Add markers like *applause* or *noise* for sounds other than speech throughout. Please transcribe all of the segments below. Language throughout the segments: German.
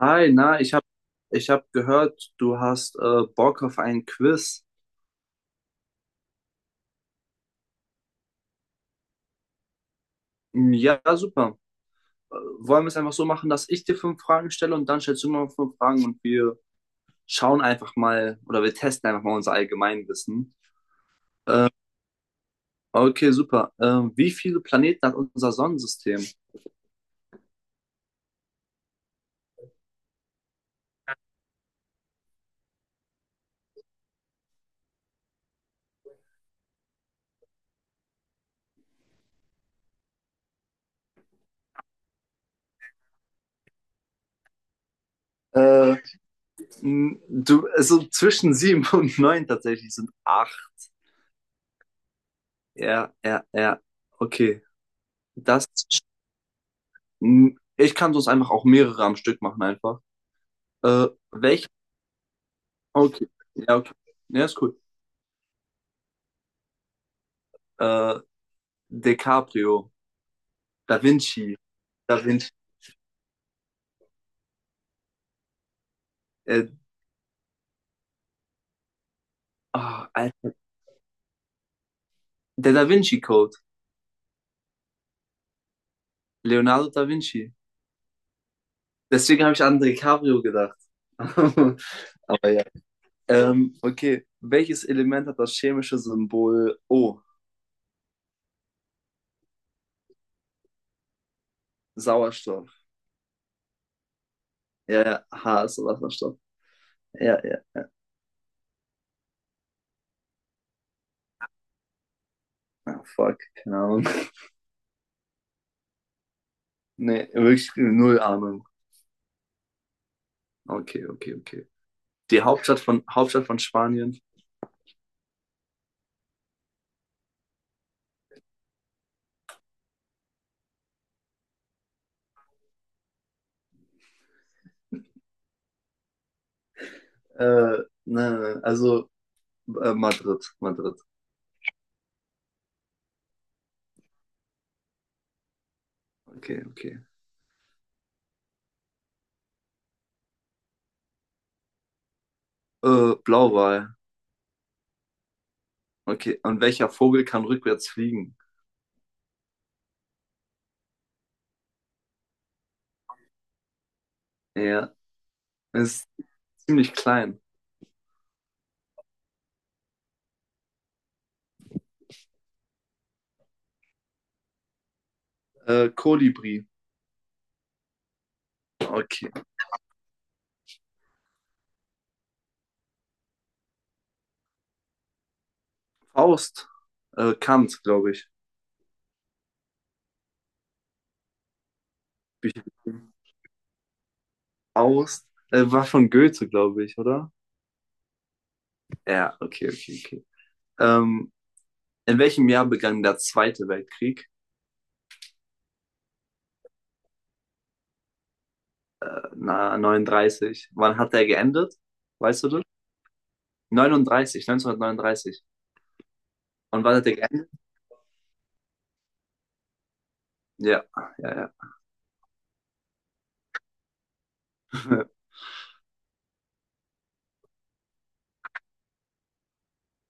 Hi, na, ich hab gehört, du hast Bock auf ein Quiz. Hm, ja, super. Wollen wir es einfach so machen, dass ich dir fünf Fragen stelle und dann stellst du mir fünf Fragen und wir schauen einfach mal oder wir testen einfach mal unser Allgemeinwissen? Okay, super. Wie viele Planeten hat unser Sonnensystem? Äh, Du, also zwischen sieben und *laughs* neun tatsächlich sind acht. Ja, ja, ja. Okay. Das, Ich kann sonst einfach auch mehrere am Stück machen einfach. Welche okay. Ja, okay. Ja, ist cool. Äh, DiCaprio, Da Vinci, Da Vinci, äh, ah, Alter. Der Da Vinci Code, Leonardo da Vinci. Deswegen habe ich an DiCaprio gedacht. *laughs* Aber ja. Okay. Welches Element hat das chemische Symbol O? Sauerstoff. Ja, ja. H ist Wasserstoff. Ja, ja. Ah, fuck. Keine Ahnung. *laughs* Nee, wirklich null Ahnung. Okay, okay, okay. Hauptstadt von Spanien? Äh, nein, nein, nein. Also. Madrid, Madrid. Okay, okay. Blauwal. Okay. Und welcher Vogel kann rückwärts fliegen? Ja, ist ziemlich klein. Kolibri. Okay. Faust. Kant, glaube ich. Bücher geschrieben. Faust. War von Goethe, glaube ich, oder? Ja, okay, okay, okay. Ähm, in welchem Jahr begann der Zweite Weltkrieg? Na, 39. Wann hat der geendet? Weißt du das? 39, 1939. Und wann hat der geendet? Ja, ja, ja. *laughs*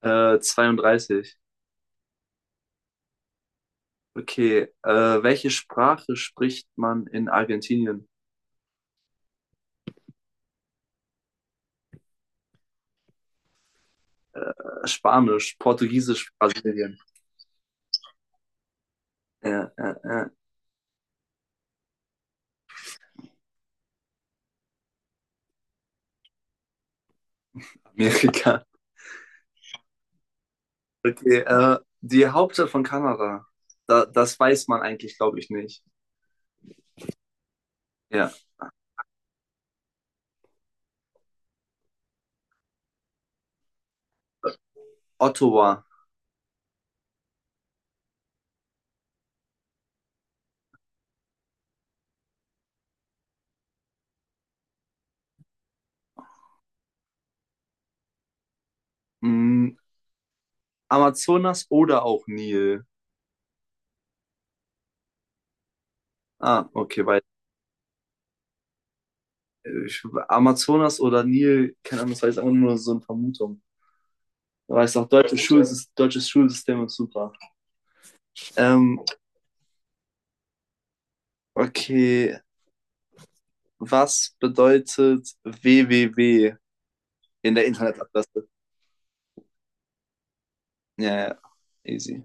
Zweiunddreißig. Okay. Welche Sprache spricht man in Argentinien? Spanisch, Portugiesisch, Brasilien. Ja, ja, ja. Amerika. Okay. Die Hauptstadt von Kanada. Da, das weiß man eigentlich, glaube ich, nicht. Ja. Ottawa. Mm, Amazonas oder auch Nil. Ah, okay, weil ich, Amazonas oder Nil, keine Ahnung, das war jetzt einfach nur so eine Vermutung. Weil ich sage, deutsches Schulsystem ist super. Ähm, okay, was bedeutet www in der Internetadresse? Ja, ja, easy.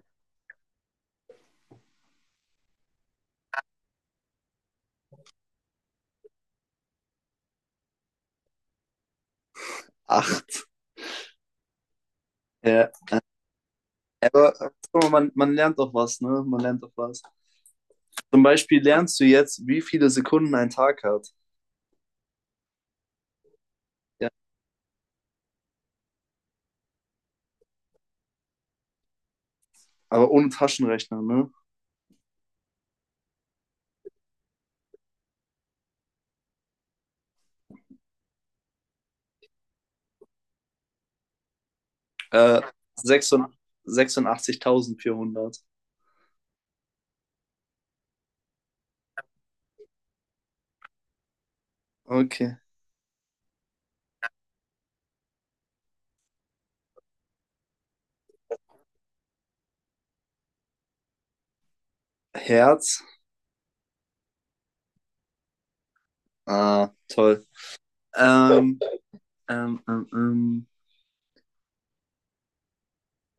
Acht. Ja. Aber man, man lernt doch was, ne? Man lernt doch was. Zum Beispiel lernst du jetzt, wie viele Sekunden ein Tag hat. Ja. Aber ohne Taschenrechner, ne? Äh, Sechsundachtzigtausendvierhundert. Okay. Herz. Ah, toll. Ähm, ähm, ähm, ähm.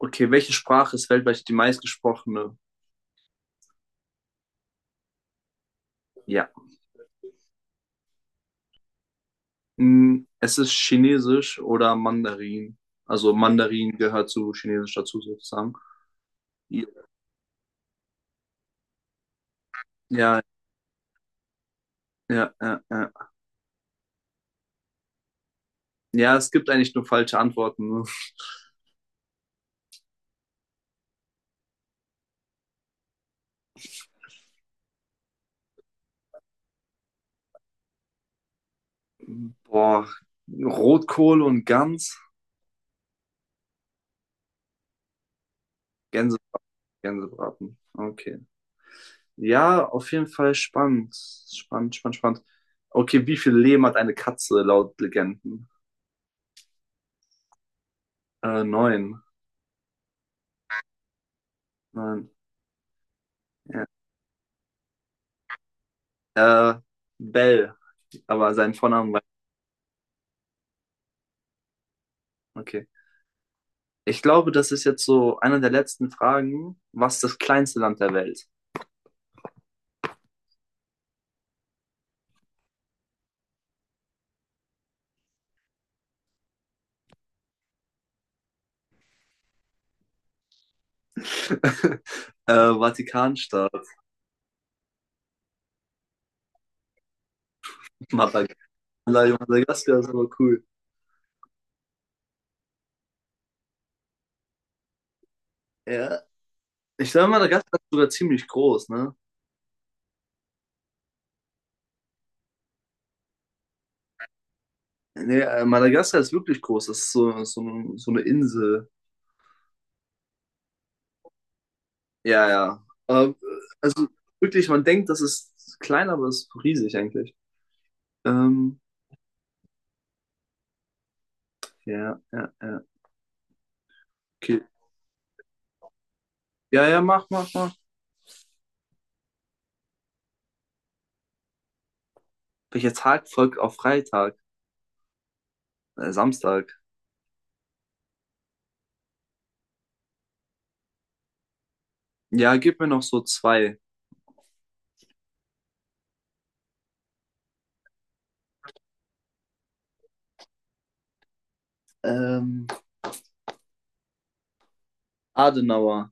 Okay, welche Sprache ist weltweit die meistgesprochene? Ja. Mm, es ist Chinesisch oder Mandarin. Also Mandarin gehört zu Chinesisch dazu sozusagen. Ja, ja, ja, ja. Ja, ja, es gibt eigentlich nur falsche Antworten. Ne? Boah, Rotkohl und Gans, Gänse, Gänsebraten. Okay. Ja, auf jeden Fall spannend. Spannend, spannend, spannend. Okay, wie viel Leben hat eine Katze laut Legenden? Neun. Nein. Ja. Äh, Bell, aber sein Vornamen war. Okay. Ich glaube, das ist jetzt so eine der letzten Fragen. Was ist das kleinste Land der Welt? *laughs* äh, Vatikanstaat. Madagaskar. Madagaskar ist aber cool. Ja. Ich glaube, Madagaskar ist sogar ziemlich groß, ne? Nee, Madagaskar ist wirklich groß. Das ist so, so, so eine Insel. Ja, ja. Also wirklich, man denkt, das ist klein, aber es ist riesig eigentlich. Ähm, ja, ja, ja. Okay. Ja, ja, mach, mach, mach. Welcher Tag folgt auf Freitag? Samstag. Ja, gib mir noch so zwei. Ähm, Adenauer,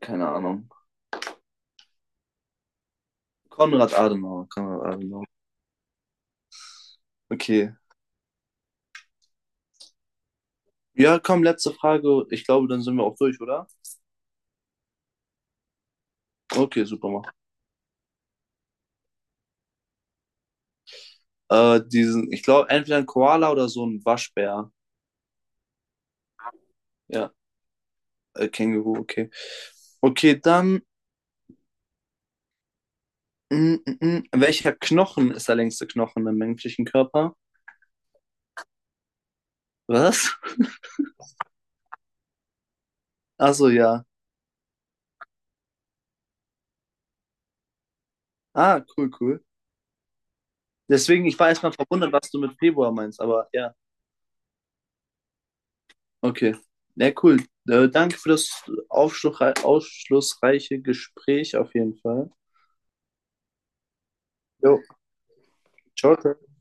keine Ahnung. Konrad Adenauer, Konrad Adenauer. Okay. Ja, komm, letzte Frage. Ich glaube, dann sind wir auch durch, oder? Okay, super. Mach. Diesen, ich glaube, entweder ein Koala oder so ein Waschbär. Ja, Känguru, okay. Okay, dann, mm. welcher Knochen ist der längste Knochen im menschlichen Körper? Was? Achso, ja. Ah, cool, cool. Deswegen, ich war erstmal verwundert, was du mit Februar meinst, aber ja. Okay. Ja, cool. Danke für das aufschlussreiche Gespräch auf jeden Fall. Jo, ciao. Ciao.